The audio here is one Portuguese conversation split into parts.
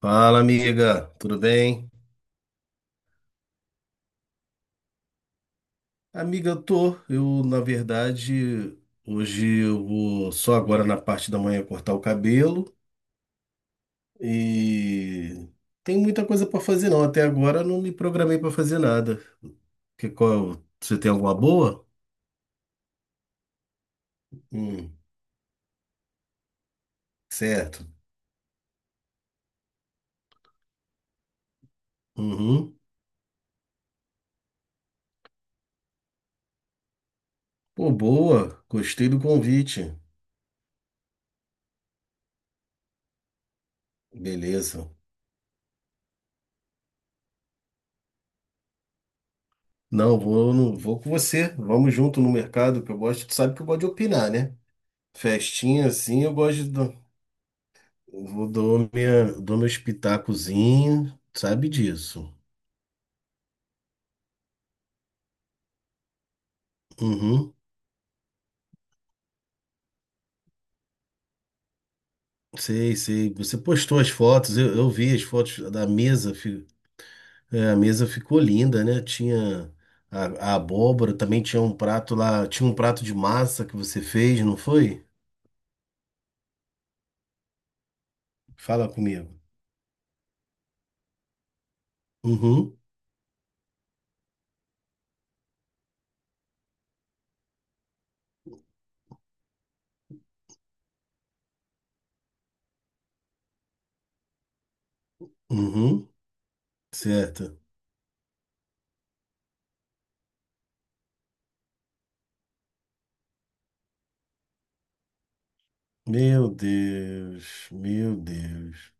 Fala, amiga, tudo bem? Amiga, eu tô. Eu, na verdade, hoje eu vou só agora na parte da manhã cortar o cabelo e tem muita coisa pra fazer não. Até agora eu não me programei pra fazer nada. Que qual? Você tem alguma boa? Hum, certo. Uhum. Pô, boa. Gostei do convite. Beleza. Não, vou, não, vou com você. Vamos junto no mercado que eu gosto. Tu sabe que eu gosto de opinar, né? Festinha assim, eu gosto. De. Dou dou meu pitacozinho, sabe disso. Uhum. Sei, sei. Você postou as fotos, eu vi as fotos da mesa. Fi- É, a mesa ficou linda, né? Tinha a abóbora, também tinha um prato lá, tinha um prato de massa que você fez, não foi? Fala comigo. Uhum, uhum, certo. Meu Deus, meu Deus.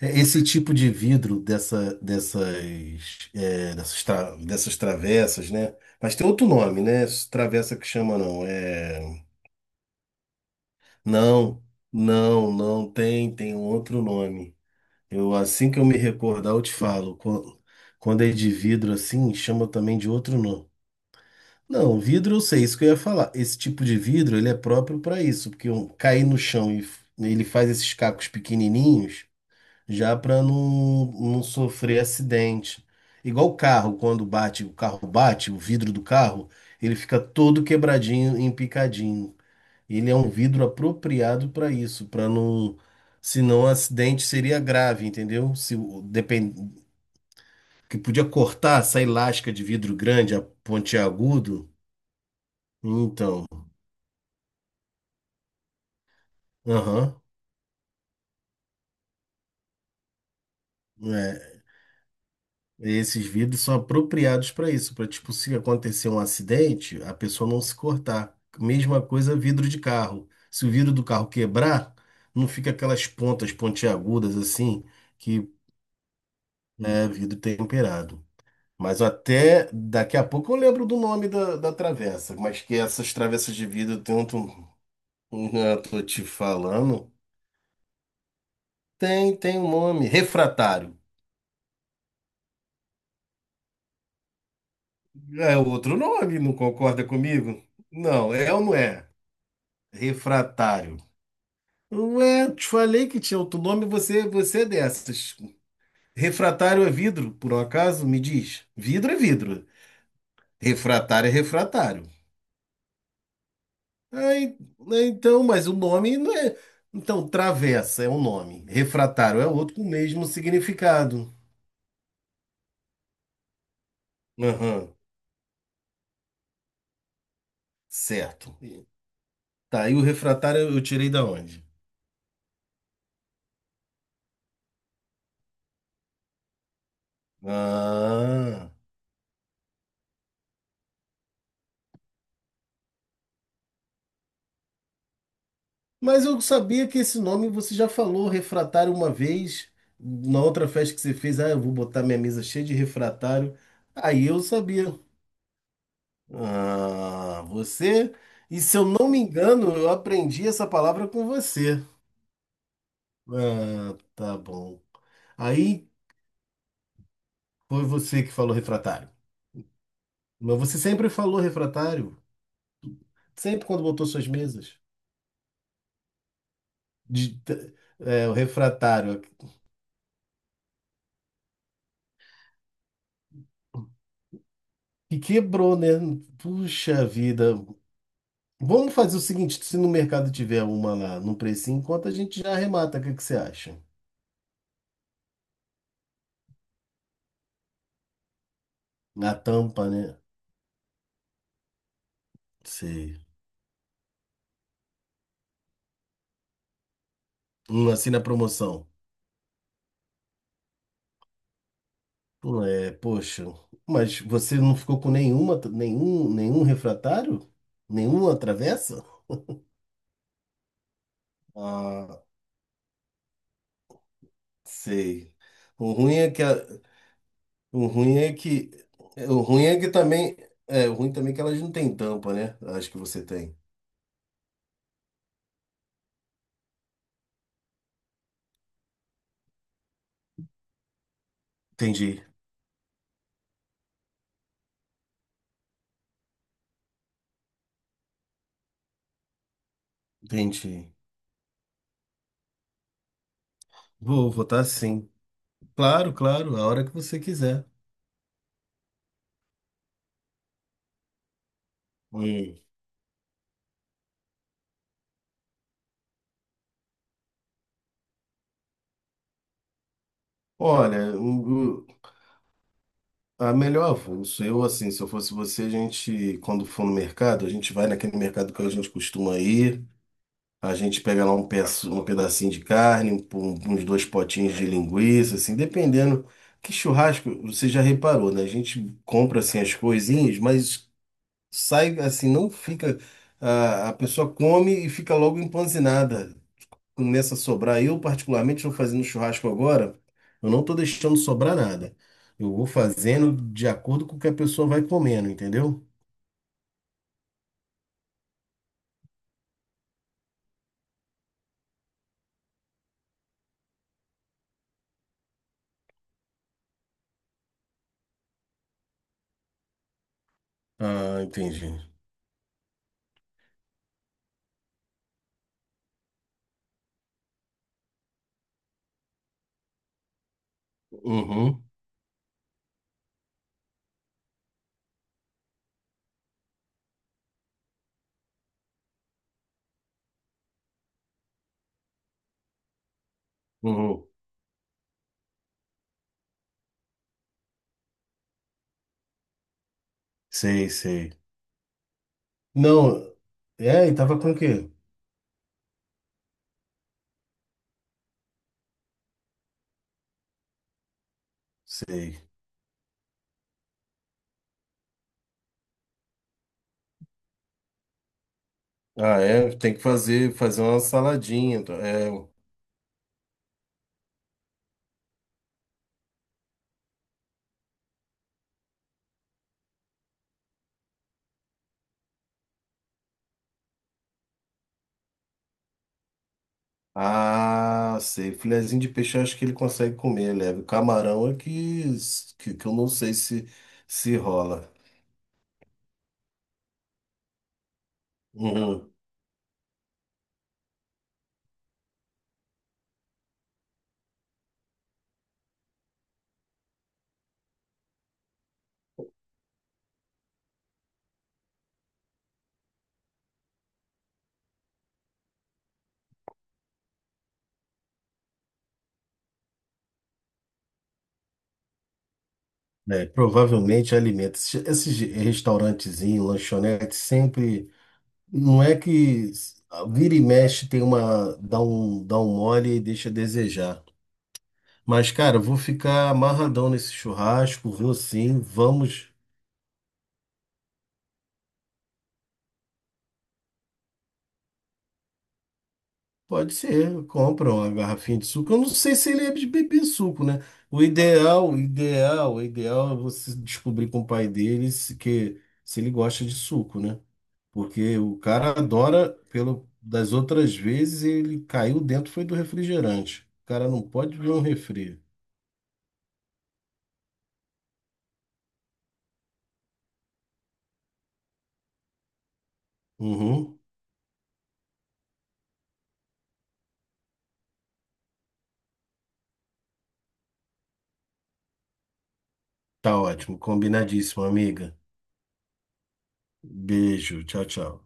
É esse tipo de vidro dessas travessas, né? Mas tem outro nome, né? Essa travessa que chama, não. É... Não, não, não tem, tem um outro nome. Eu, assim que eu me recordar, eu te falo. Quan- Quando é de vidro assim, chama também de outro nome. Não, vidro eu sei, isso que eu ia falar. Esse tipo de vidro, ele é próprio para isso, porque um, cair no chão e f- ele faz esses cacos pequenininhos. Já para não sofrer acidente. Igual o carro, quando bate, o carro bate, o vidro do carro, ele fica todo quebradinho, empicadinho. Ele é um vidro apropriado para isso, para não, senão o acidente seria grave, entendeu? Se o- depend, que podia cortar essa elástica de vidro grande, a pontiagudo. Então, aham, é. É, esses vidros são apropriados para isso, para tipo, se acontecer um acidente, a pessoa não se cortar. Mesma coisa, vidro de carro. Se o vidro do carro quebrar, não fica aquelas pontas pontiagudas assim, que é vidro temperado. Mas até daqui a pouco eu lembro do nome da travessa, mas que essas travessas de vidro tem um. Eu tô te falando. Tem, tem um nome, refratário. É outro nome, não concorda comigo? Não, é ou não é? Refratário. Ué, eu te falei que tinha outro nome, você é dessas. Refratário é vidro, por um acaso? Me diz. Vidro é vidro. Refratário é refratário. Aí, né, então, mas o nome não é. Então, travessa é um nome. Refratário é outro com o mesmo significado. Aham, certo. Tá, e o refratário eu tirei da onde? Ah. Mas eu sabia que esse nome você já falou, refratário, uma vez, na outra festa que você fez. Ah, eu vou botar minha mesa cheia de refratário. Aí eu sabia. Ah, você. E se eu não me engano, eu aprendi essa palavra com você. Ah, tá bom. Aí foi você que falou refratário. Mas você sempre falou refratário. Sempre quando botou suas mesas. De- é, o refratário. Que quebrou, né? Puxa vida. Vamos fazer o seguinte, se no mercado tiver uma lá no precinho, enquanto a gente já arremata, o que que você acha? Na tampa, né? Sei. Assim na promoção. É, poxa, mas você não ficou com nenhuma, nenhum refratário? Nenhuma travessa? Ah, sei. O ruim é que a- o ruim é que O ruim é que também é, o ruim também é que elas não têm tampa, né? Acho que você tem. Entendi, entendi. Vou votar sim. Claro, claro, a hora que você quiser. Hum. Olha, a melhor avulso, eu assim, se eu fosse você, a gente, quando for no mercado, a gente vai naquele mercado que a gente costuma ir, a gente pega lá um, peço, um pedacinho de carne, uns dois potinhos de linguiça, assim, dependendo. Que churrasco, você já reparou, né? A gente compra assim as coisinhas, mas sai assim, não fica. A pessoa come e fica logo empanzinada. Começa a sobrar. Eu, particularmente, estou fazendo churrasco agora. Eu não estou deixando sobrar nada. Eu vou fazendo de acordo com o que a pessoa vai comendo, entendeu? Ah, entendi. Uhum, uhum. Sei, sei. Não, é, e tava com o quê? Sei. Ah, é, tem que fazer, fazer uma saladinha. Tá? É. Ah, sei. Filezinho de peixe eu acho que ele consegue comer, leve. Camarão é que, que eu não sei se, se rola. Uhum. É, provavelmente alimenta. Esses restaurantezinhos, lanchonetes, sempre. Não é que s- vira e mexe, tem uma. Dá um mole e deixa a desejar. Mas, cara, eu vou ficar amarradão nesse churrasco, vou sim, vamos. Pode ser, compra uma garrafinha de suco. Eu não sei se ele é de beber suco, né? O ideal é você descobrir com o pai dele se, que, se ele gosta de suco, né? Porque o cara adora, pelo das outras vezes, ele caiu dentro, foi do refrigerante. O cara não pode ver um refri. Uhum. Tá ótimo, combinadíssimo, amiga. Beijo, tchau, tchau.